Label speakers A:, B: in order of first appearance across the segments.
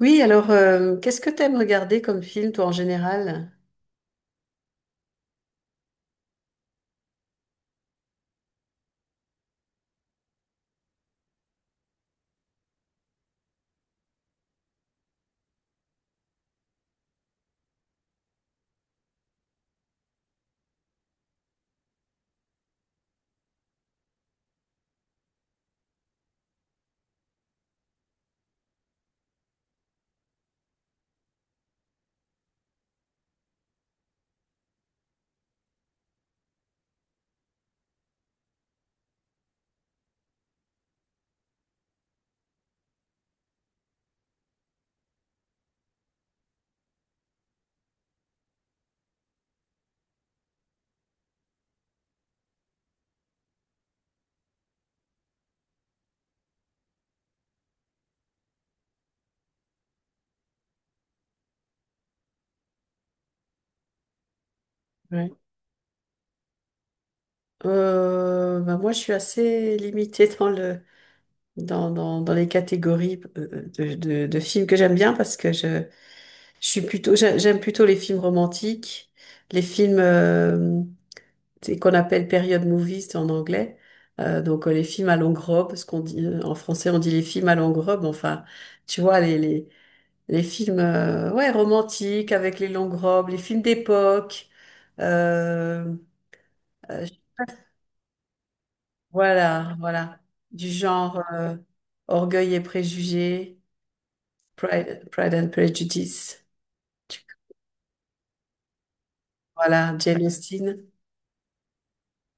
A: Oui, alors, qu'est-ce que t'aimes regarder comme film, toi, en général? Ouais. Bah, moi, je suis assez limitée dans dans les catégories de films que j'aime bien parce que je suis plutôt, j'aime plutôt les films romantiques, les films c'est qu'on appelle period movies en anglais. Donc les films à longue robe, ce qu'on dit, en français, on dit les films à longue robe. Enfin, tu vois, les films ouais, romantiques avec les longues robes, les films d'époque. Euh, euh, voilà, voilà. Du genre, Orgueil et préjugés, Pride and Prejudice. Voilà, Jane Austen.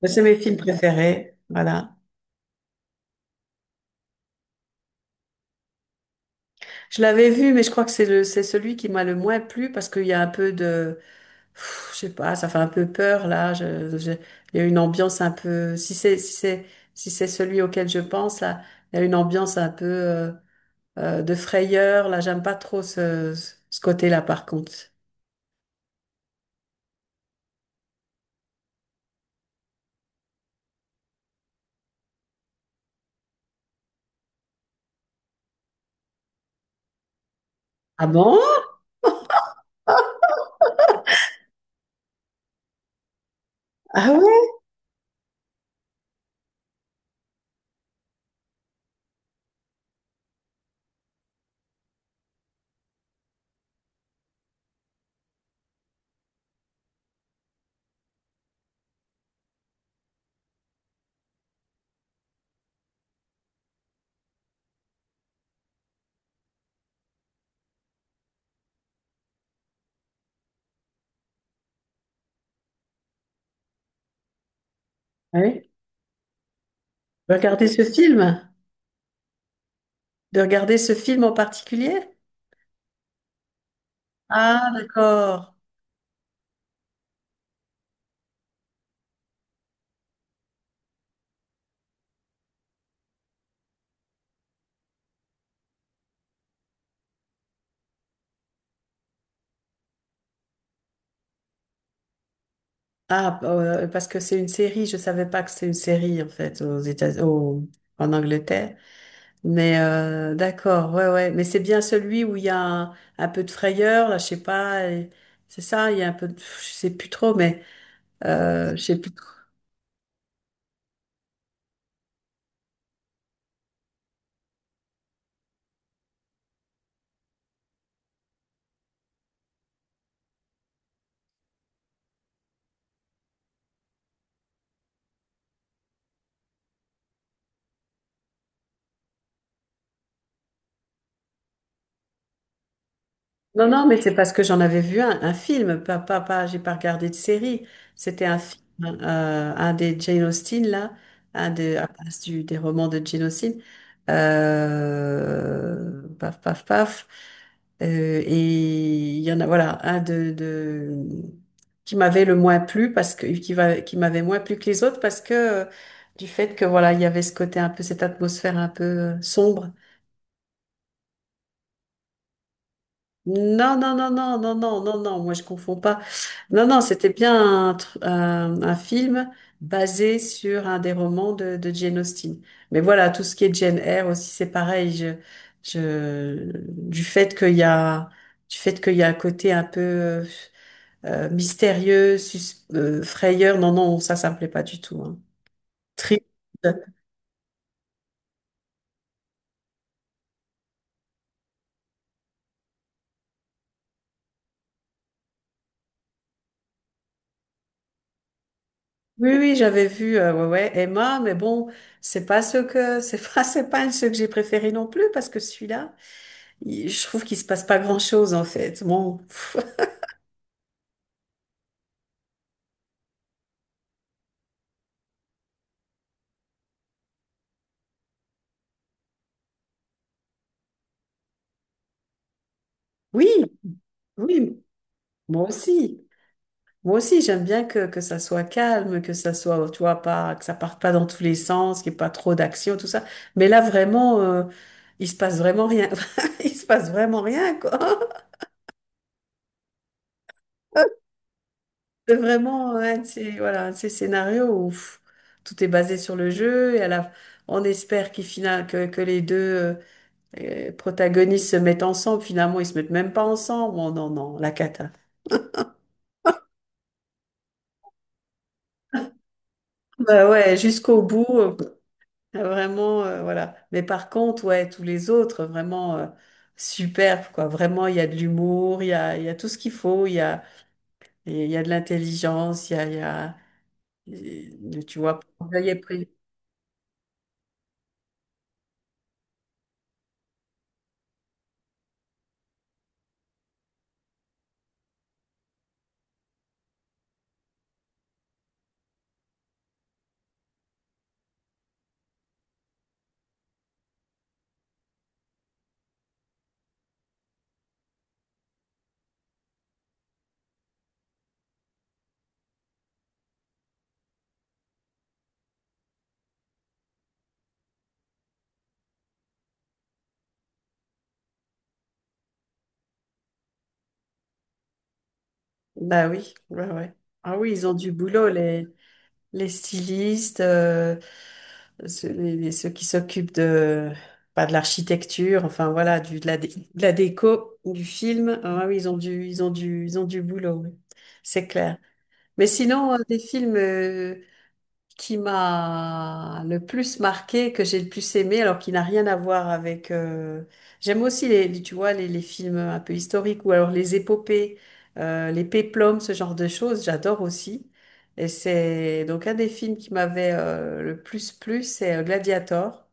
A: C'est mes films préférés. Voilà. Je l'avais vu, mais je crois que c'est celui qui m'a le moins plu parce qu'il y a un peu de... Pff, je sais pas, ça fait un peu peur là. Il y a une ambiance un peu. Si c'est celui auquel je pense là, il y a une ambiance un peu de frayeur. Là, j'aime pas trop ce côté-là par contre. Ah bon? Ah ouais? Ah oui. De regarder ce film? De regarder ce film en particulier? Ah d'accord. Parce que c'est une série. Je savais pas que c'est une série en fait aux États, au- en Angleterre. Mais d'accord, ouais, ouais. Mais c'est bien celui où il y a un peu de frayeur, là, je sais pas. Et- C'est ça, il y a un peu de... Je sais plus trop, mais je sais plus. Non, non, mais c'est parce que j'en avais vu un film, pas, j'ai pas regardé de série. C'était un film, un des Jane Austen, là, un de, à base des romans de Jane Austen. Paf, paf, paf. Et il y en a, voilà, un de qui m'avait le moins plu parce que, qui va, qui m'avait moins plu que les autres parce que, du fait que, voilà, il y avait ce côté un peu, cette atmosphère un peu sombre. Non, moi je confonds pas. Non, non, c'était bien un, un film basé sur un des romans de Jane Austen. Mais voilà, tout ce qui est Jane Eyre aussi, c'est pareil. Du fait qu'il y a, du fait qu'il y a un côté un peu mystérieux, frayeur, non, non, ça me plaît pas du tout, hein. Triste. Oui, oui, j'avais vu ouais, ouais, Emma, mais bon, c'est pas ce que, c'est pas, c'est pas ce que j'ai préféré non plus parce que celui-là, il- je trouve qu'il se passe pas grand-chose en fait. Bon, pff, oui, oui, moi aussi. Moi aussi, j'aime bien que ça soit calme, que ça soit, tu vois, pas, que ça parte pas dans tous les sens, qu'il n'y ait pas trop d'action, tout ça. Mais là, vraiment, il se passe vraiment rien. Il se passe vraiment rien, quoi. C'est vraiment un de ces, voilà, un de ces scénarios où pff, tout est basé sur le jeu et à la, on espère qu'il final, que les deux protagonistes se mettent ensemble. Finalement, ils se mettent même pas ensemble. Bon, non, non, la cata. Bah ouais, jusqu'au bout, vraiment, voilà. Mais par contre, ouais, tous les autres, vraiment superbes, quoi. Vraiment, il y a de l'humour, il y a tout ce qu'il faut, il y a de l'intelligence, il y a, il y a- il- tu vois, pour veiller près. Bah oui, ouais, ouais. Ah oui, ils ont du boulot, les stylistes, ceux, ceux qui s'occupent de, pas de l'architecture, enfin voilà, du, de la déco, du film. Ah oui, ils ont du boulot, oui. C'est clair. Mais sinon, un des films qui m'a le plus marqué, que j'ai le plus aimé, alors qu'il n'a rien à voir avec... J'aime aussi, tu vois, les films un peu historiques ou alors les épopées, les péplums, ce genre de choses, j'adore aussi. Et c'est donc un des films qui m'avait le plus plu, c'est Gladiator.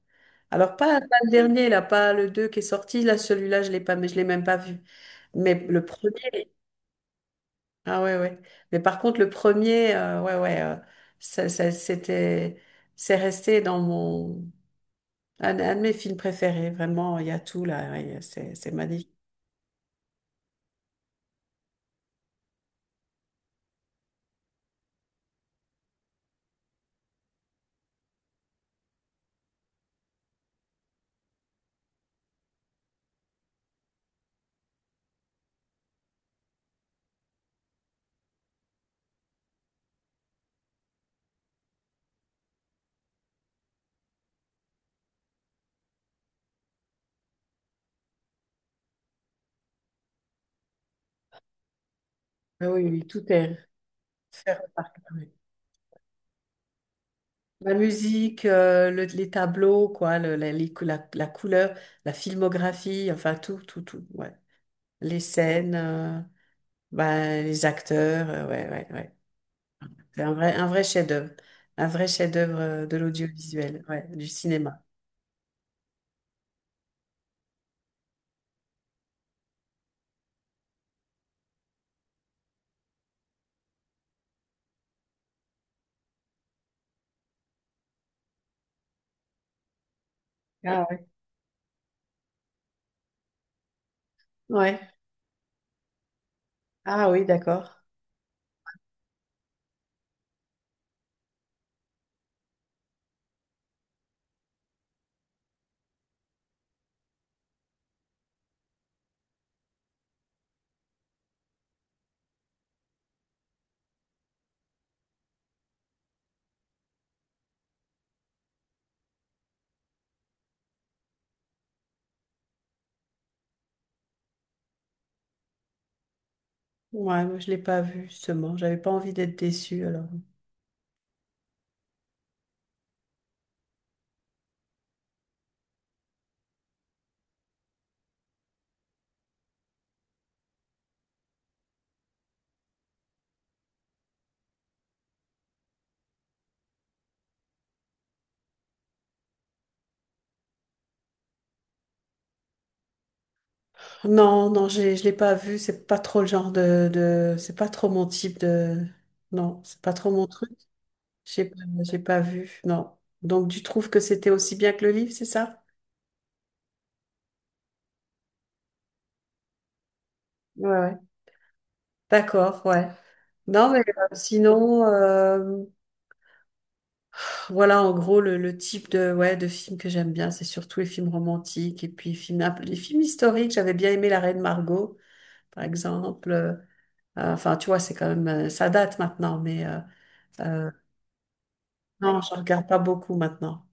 A: Alors pas, pas le dernier, là, pas le 2 qui est sorti, là, celui-là, je l'ai pas, mais je l'ai même pas vu. Mais le premier. Ah ouais, ouais. Mais par contre, le premier, ouais, ouais, c'était, c'est resté dans mon, un de mes films préférés. Vraiment, il y a tout là, ouais, c'est magnifique. Ah oui, oui, tout est fait remarquer, oui. La musique, les tableaux, quoi, la couleur, la filmographie, enfin tout, tout, tout, ouais. Les scènes, ben, les acteurs, ouais, ouais, ouais. C'est un vrai chef-d'œuvre de l'audiovisuel, ouais, du cinéma. Ah ouais. Ouais. Ah oui, d'accord. Ouais, moi je l'ai pas vu justement. J'avais pas envie d'être déçue alors. Non, non, j'ai, je l'ai pas vu. C'est pas trop le genre de, c'est pas trop mon type de. Non, c'est pas trop mon truc. J'ai, pas- j'ai pas vu. Non. Donc tu trouves que c'était aussi bien que le livre, c'est ça? Ouais, ouais. D'accord, ouais. Non, mais sinon, voilà en gros le type de, ouais, de film que j'aime bien, c'est surtout les films romantiques et puis films, un peu- les films historiques. J'avais bien aimé La Reine Margot, par exemple. Enfin, tu vois, c'est quand même, ça date maintenant, mais euh, non, je regarde pas beaucoup maintenant.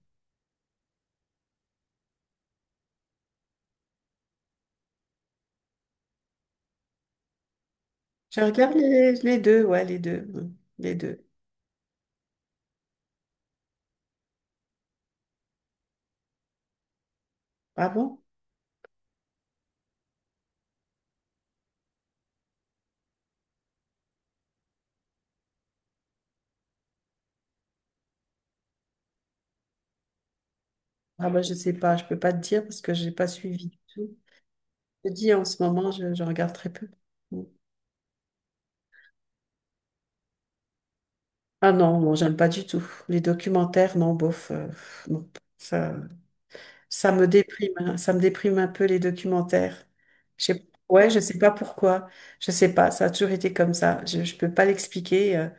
A: Je regarde les deux, ouais, les deux, mm, les deux. Ah bon? Ah bah je sais pas, je peux pas te dire parce que j'ai pas suivi du tout. Je te dis en ce moment, je regarde très peu. Mm. Ah non, non, j'aime pas du tout. Les documentaires, non, bof, non, ça, ça me déprime, hein, ça me déprime un peu les documentaires. Je sais, ouais, je sais pas pourquoi, je sais pas, ça a toujours été comme ça. Je peux pas l'expliquer.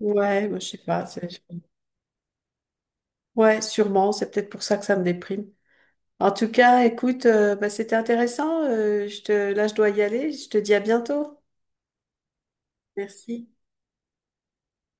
A: Ouais, moi, je sais pas. C'est- ouais, sûrement. C'est peut-être pour ça que ça me déprime. En tout cas, écoute, bah, c'était intéressant. Je te... Là, je dois y aller. Je te dis à bientôt. Merci.